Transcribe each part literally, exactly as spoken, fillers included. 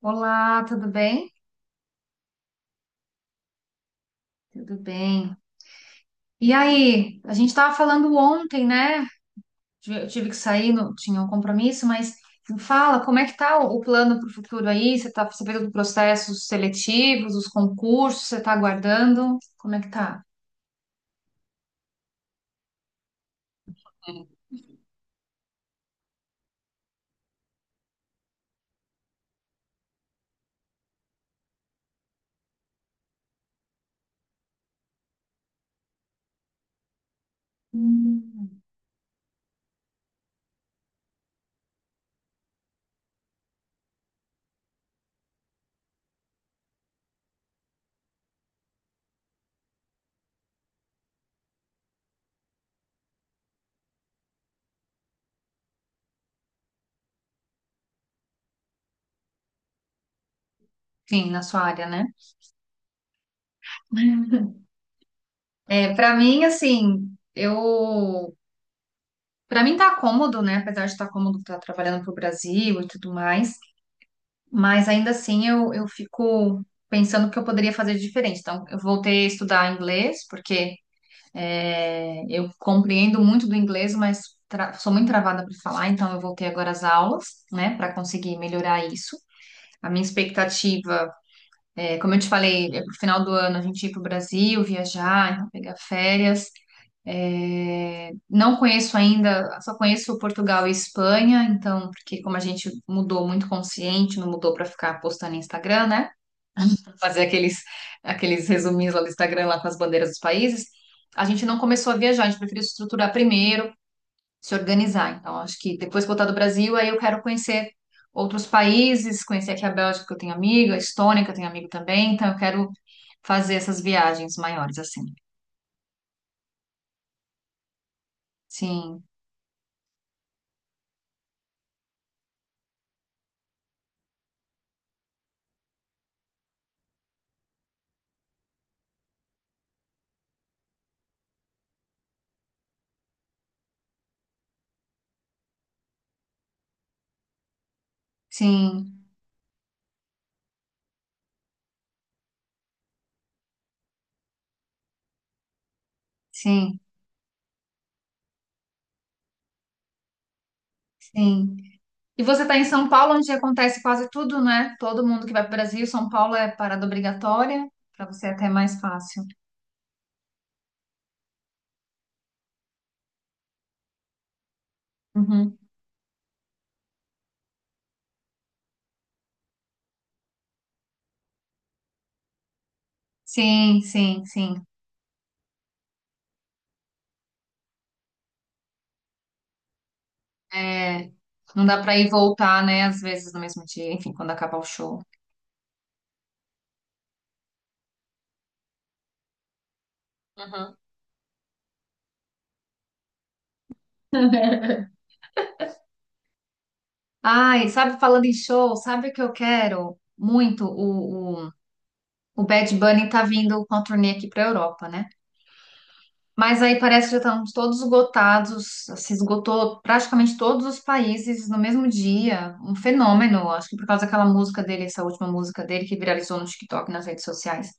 Olá, tudo bem? Tudo bem. E aí, a gente estava falando ontem, né? Tive- Eu tive que sair, não- tinha um compromisso, mas me fala, como é que tá o o plano para o futuro aí? Você está sabendo dos processos seletivos, dos concursos, você está aguardando? Como é que tá? Hum. Sim, na sua área, né? É, para mim, assim, eu, para mim tá cômodo, né? Apesar de estar cômodo, estar trabalhando para o Brasil e tudo mais. Mas ainda assim eu, eu fico pensando o que eu poderia fazer de diferente. Então, eu voltei a estudar inglês, porque é, eu compreendo muito do inglês, mas tra- sou muito travada para falar, então eu voltei agora às aulas, né, para conseguir melhorar isso. A minha expectativa, é, como eu te falei, é pro final do ano a gente ir para o Brasil, viajar, então pegar férias. É, não conheço ainda, só conheço Portugal e Espanha, então, porque como a gente mudou muito consciente, não mudou para ficar postando no Instagram, né? Fazer aqueles, aqueles resuminhos lá do Instagram, lá com as bandeiras dos países, a gente não começou a viajar, a gente preferiu se estruturar primeiro, se organizar. Então, acho que depois que voltar do Brasil, aí eu quero conhecer outros países, conhecer aqui a Bélgica, que eu tenho amiga, a Estônia, que eu tenho amigo também, então eu quero fazer essas viagens maiores, assim. Sim, sim, sim. Sim. E você está em São Paulo, onde acontece quase tudo, né? Todo mundo que vai para o Brasil, São Paulo é parada obrigatória, para você é até mais fácil. Uhum. Sim, sim, sim. É, não dá para ir e voltar, né? Às vezes no mesmo dia, enfim, quando acabar o show. Uhum. Ai, sabe, falando em show, sabe o que eu quero muito? O, o, o Bad Bunny tá vindo com a turnê aqui para Europa, né? Mas aí parece que já estamos todos esgotados, se esgotou praticamente todos os países no mesmo dia. Um fenômeno, acho que por causa daquela música dele, essa última música dele que viralizou no TikTok, nas redes sociais.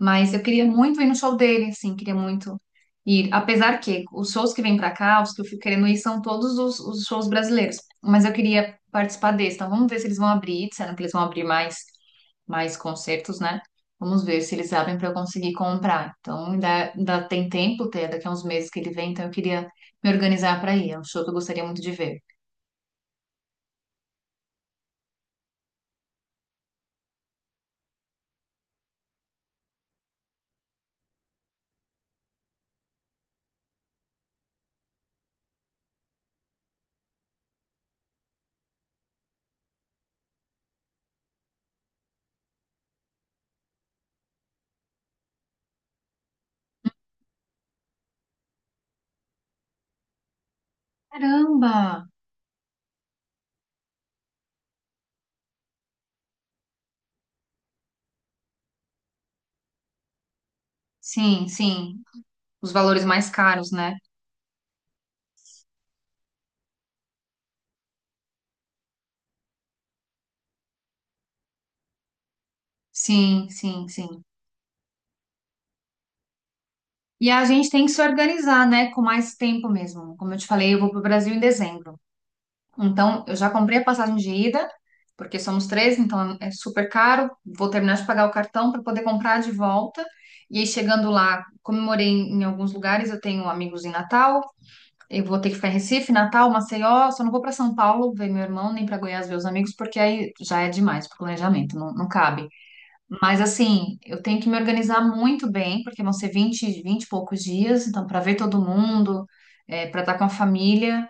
Mas eu queria muito ir no show dele, assim, queria muito ir. Apesar que os shows que vêm pra cá, os que eu fico querendo ir, são todos os, os shows brasileiros. Mas eu queria participar desse. Então vamos ver se eles vão abrir, disseram que eles vão abrir mais, mais concertos, né? Vamos ver se eles abrem para eu conseguir comprar. Então ainda, ainda tem tempo, até daqui a uns meses que ele vem, então eu queria me organizar para ir. É um show que eu gostaria muito de ver. Caramba! Sim, sim. Os valores mais caros, né? Sim, sim, sim. E a gente tem que se organizar, né, com mais tempo mesmo. Como eu te falei, eu vou para o Brasil em dezembro. Então, eu já comprei a passagem de ida, porque somos três, então é super caro. Vou terminar de pagar o cartão para poder comprar de volta. E aí, chegando lá, comemorei em em alguns lugares. Eu tenho amigos em Natal, eu vou ter que ficar em Recife, Natal, Maceió. Só não vou para São Paulo ver meu irmão, nem para Goiás ver os amigos, porque aí já é demais para o planejamento, não, não cabe. Mas assim, eu tenho que me organizar muito bem, porque vão ser vinte vinte e poucos dias, então para ver todo mundo, para estar com a família.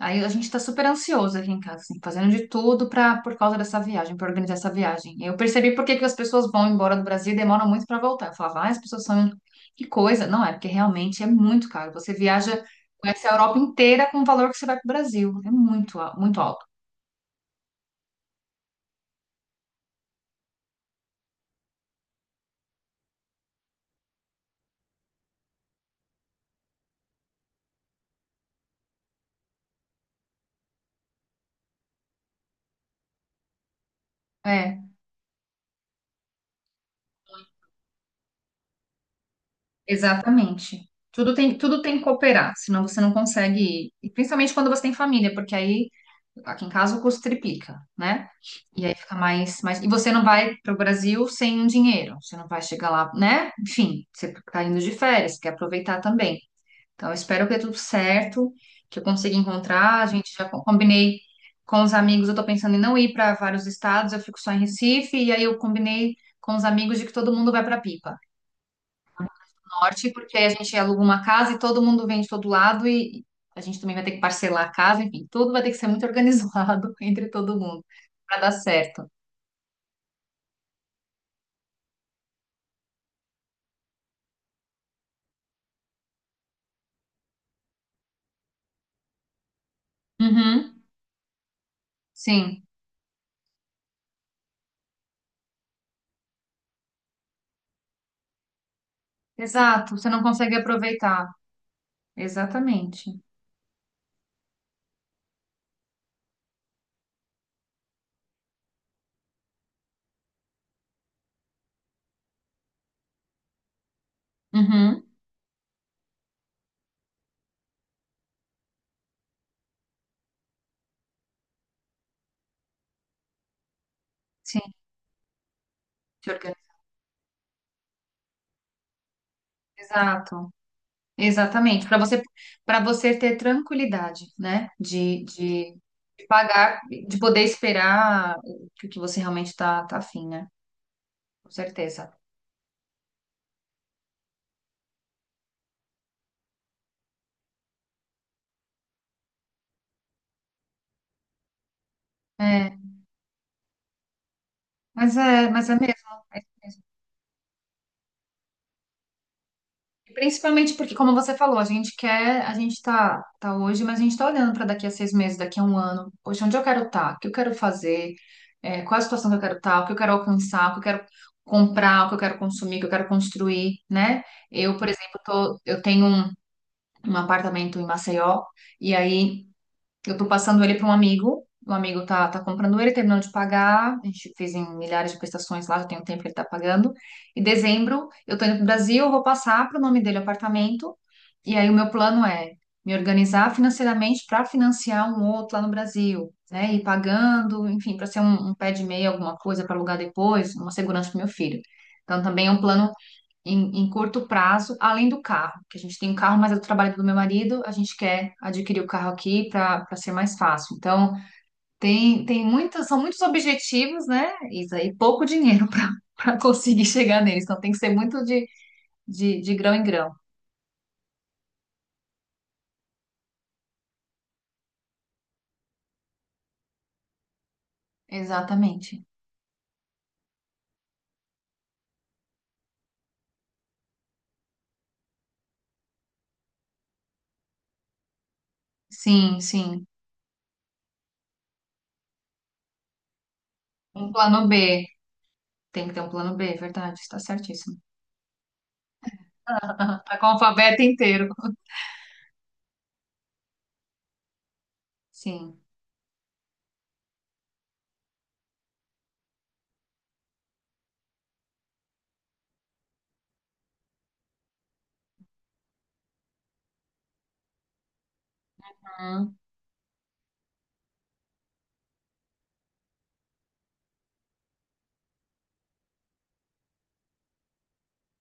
Aí a gente está super ansioso aqui em casa, assim, fazendo de tudo para por causa dessa viagem, para organizar essa viagem. Eu percebi por que que as pessoas vão embora do Brasil e demoram muito para voltar. Eu falava, ah, as pessoas são que coisa. Não é, porque realmente é muito caro. Você viaja, conhece a Europa inteira com o valor que você vai para o Brasil. É muito, al- muito alto. É. Exatamente. Tudo tem, tudo tem que cooperar, senão você não consegue, e principalmente quando você tem família, porque aí, aqui em casa, o custo triplica, né? E aí fica mais, mais. E você não vai para o Brasil sem um dinheiro, você não vai chegar lá, né? Enfim, você está indo de férias, quer aproveitar também. Então, eu espero que dê tudo certo, que eu consiga encontrar. A gente já co- combinei com os amigos, eu estou pensando em não ir para vários estados, eu fico só em Recife, e aí eu combinei com os amigos de que todo mundo vai para Pipa norte, porque a gente aluga uma casa e todo mundo vem de todo lado e a gente também vai ter que parcelar a casa, enfim, tudo vai ter que ser muito organizado entre todo mundo para dar certo. Uhum, sim, exato. Você não consegue aproveitar. Exatamente. Uhum, sim, te organiza. Exato. Exatamente. Para você, para você ter tranquilidade, né? De, de, de pagar, de poder esperar o que o que você realmente tá, tá afim, né? Com certeza. É, mas é, mas é mesmo. É Principalmente porque, como você falou, a gente quer, a gente tá, tá hoje, mas a gente tá olhando para daqui a seis meses, daqui a um ano. Poxa, onde eu quero estar? O que eu quero fazer? É, qual a situação que eu quero estar? O que eu quero alcançar? O que eu quero comprar? O que eu quero consumir? O que eu quero construir, né? Eu, por exemplo, tô, eu tenho um, um apartamento em Maceió e aí eu tô passando ele para um amigo. O amigo tá, tá comprando ele, terminou de pagar. A gente fez em milhares de prestações lá, já tem um tempo que ele tá pagando. Em dezembro, eu tô indo pro Brasil, vou passar pro nome dele o apartamento. E aí o meu plano é me organizar financeiramente para financiar um outro lá no Brasil, né? Ir pagando, enfim, para ser um, um pé de meia, alguma coisa para alugar depois, uma segurança pro meu filho. Então também é um plano em, em curto prazo, além do carro, que a gente tem um carro, mas é do trabalho do meu marido, a gente quer adquirir o carro aqui para para ser mais fácil. Então, tem, tem muitas, são muitos objetivos, né, Isa, e pouco dinheiro para para conseguir chegar neles. Então, tem que ser muito de, de, de grão em grão. Exatamente. Sim, sim. Um plano B. Tem que ter um plano B, é verdade, está certíssimo. Tá com o alfabeto inteiro. Sim.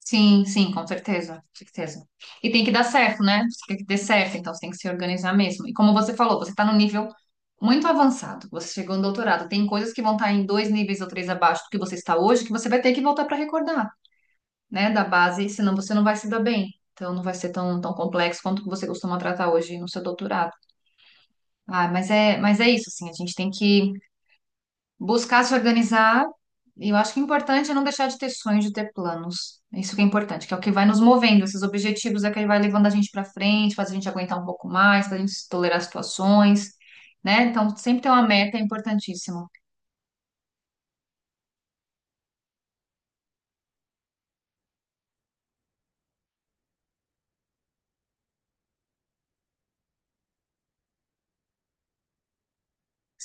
Sim, sim, com certeza, com certeza. E tem que dar certo, né? Tem que dar certo, então você tem que se organizar mesmo. E como você falou, você está no nível muito avançado. Você chegou no doutorado. Tem coisas que vão estar em dois níveis ou três abaixo do que você está hoje, que você vai ter que voltar para recordar, né? Da base, senão você não vai se dar bem. Então não vai ser tão, tão complexo quanto que você costuma tratar hoje no seu doutorado. Ah, mas é, mas é isso, assim, a gente tem que buscar se organizar. E eu acho que o importante é não deixar de ter sonhos, de ter planos. Isso que é importante, que é o que vai nos movendo. Esses objetivos é que vai levando a gente para frente, faz a gente aguentar um pouco mais, faz a gente tolerar situações, né? Então, sempre ter uma meta é importantíssimo.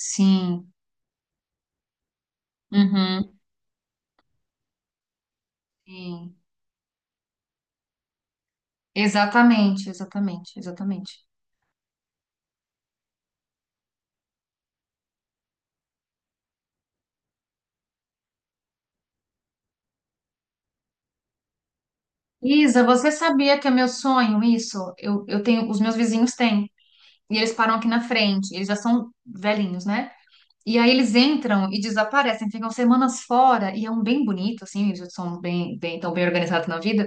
Sim. Uhum. Sim. Exatamente, exatamente, exatamente. Isa, você sabia que é meu sonho isso? Eu, eu tenho, os meus vizinhos têm. E eles param aqui na frente. Eles já são velhinhos, né? E aí eles entram e desaparecem, ficam semanas fora, e é um bem bonito, assim, eles são bem, bem, tão bem organizados na vida,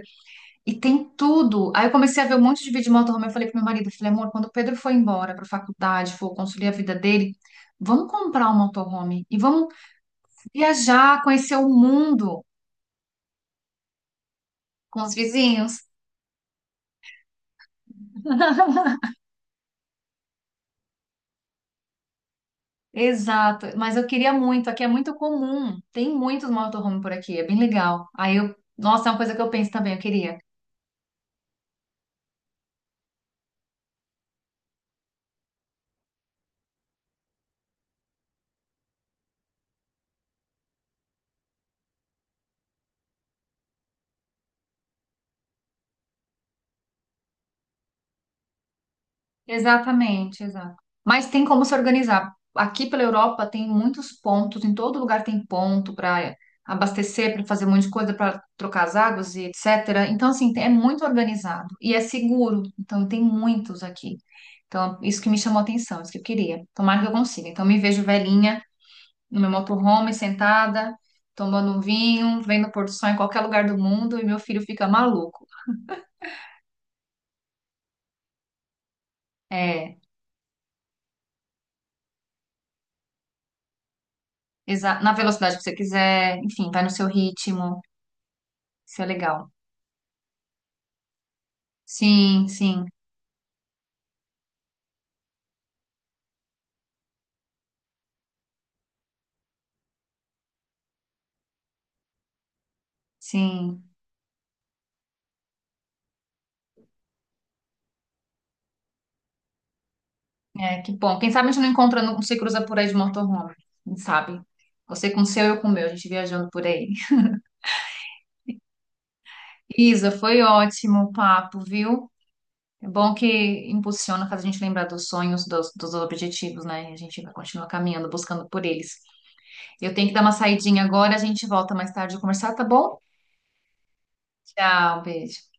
e tem tudo. Aí eu comecei a ver um monte de vídeo de motorhome, eu falei pro meu marido, eu falei, amor, quando o Pedro for embora pra faculdade, for construir a vida dele, vamos comprar um motorhome e vamos viajar, conhecer o mundo com os vizinhos. Exato, mas eu queria muito, aqui é muito comum, tem muitos motorhome por aqui, é bem legal. Aí eu, nossa, é uma coisa que eu penso também, eu queria. Exatamente, exato. Mas tem como se organizar. Aqui pela Europa tem muitos pontos, em todo lugar tem ponto para abastecer, para fazer um monte de coisa, para trocar as águas e etecétera. Então, assim, é muito organizado e é seguro. Então, tem muitos aqui. Então, isso que me chamou a atenção, isso que eu queria. Tomara que eu consiga. Então, me vejo velhinha no meu motorhome, sentada, tomando um vinho, vendo o pôr do sol em qualquer lugar do mundo e meu filho fica maluco. É, exa- na velocidade que você quiser, enfim, vai no seu ritmo. Isso é legal. Sim, sim, sim. É, que bom. Quem sabe a gente não encontra, não se cruza por aí de motorhome. Quem sabe? Você com o seu, eu com o meu. A gente viajando por aí. Isa, foi ótimo o papo, viu? É bom que impulsiona, faz a gente lembrar dos sonhos, dos, dos objetivos, né? E a gente vai continuar caminhando, buscando por eles. Eu tenho que dar uma saidinha agora, a gente volta mais tarde a conversar, tá bom? Tchau, beijo.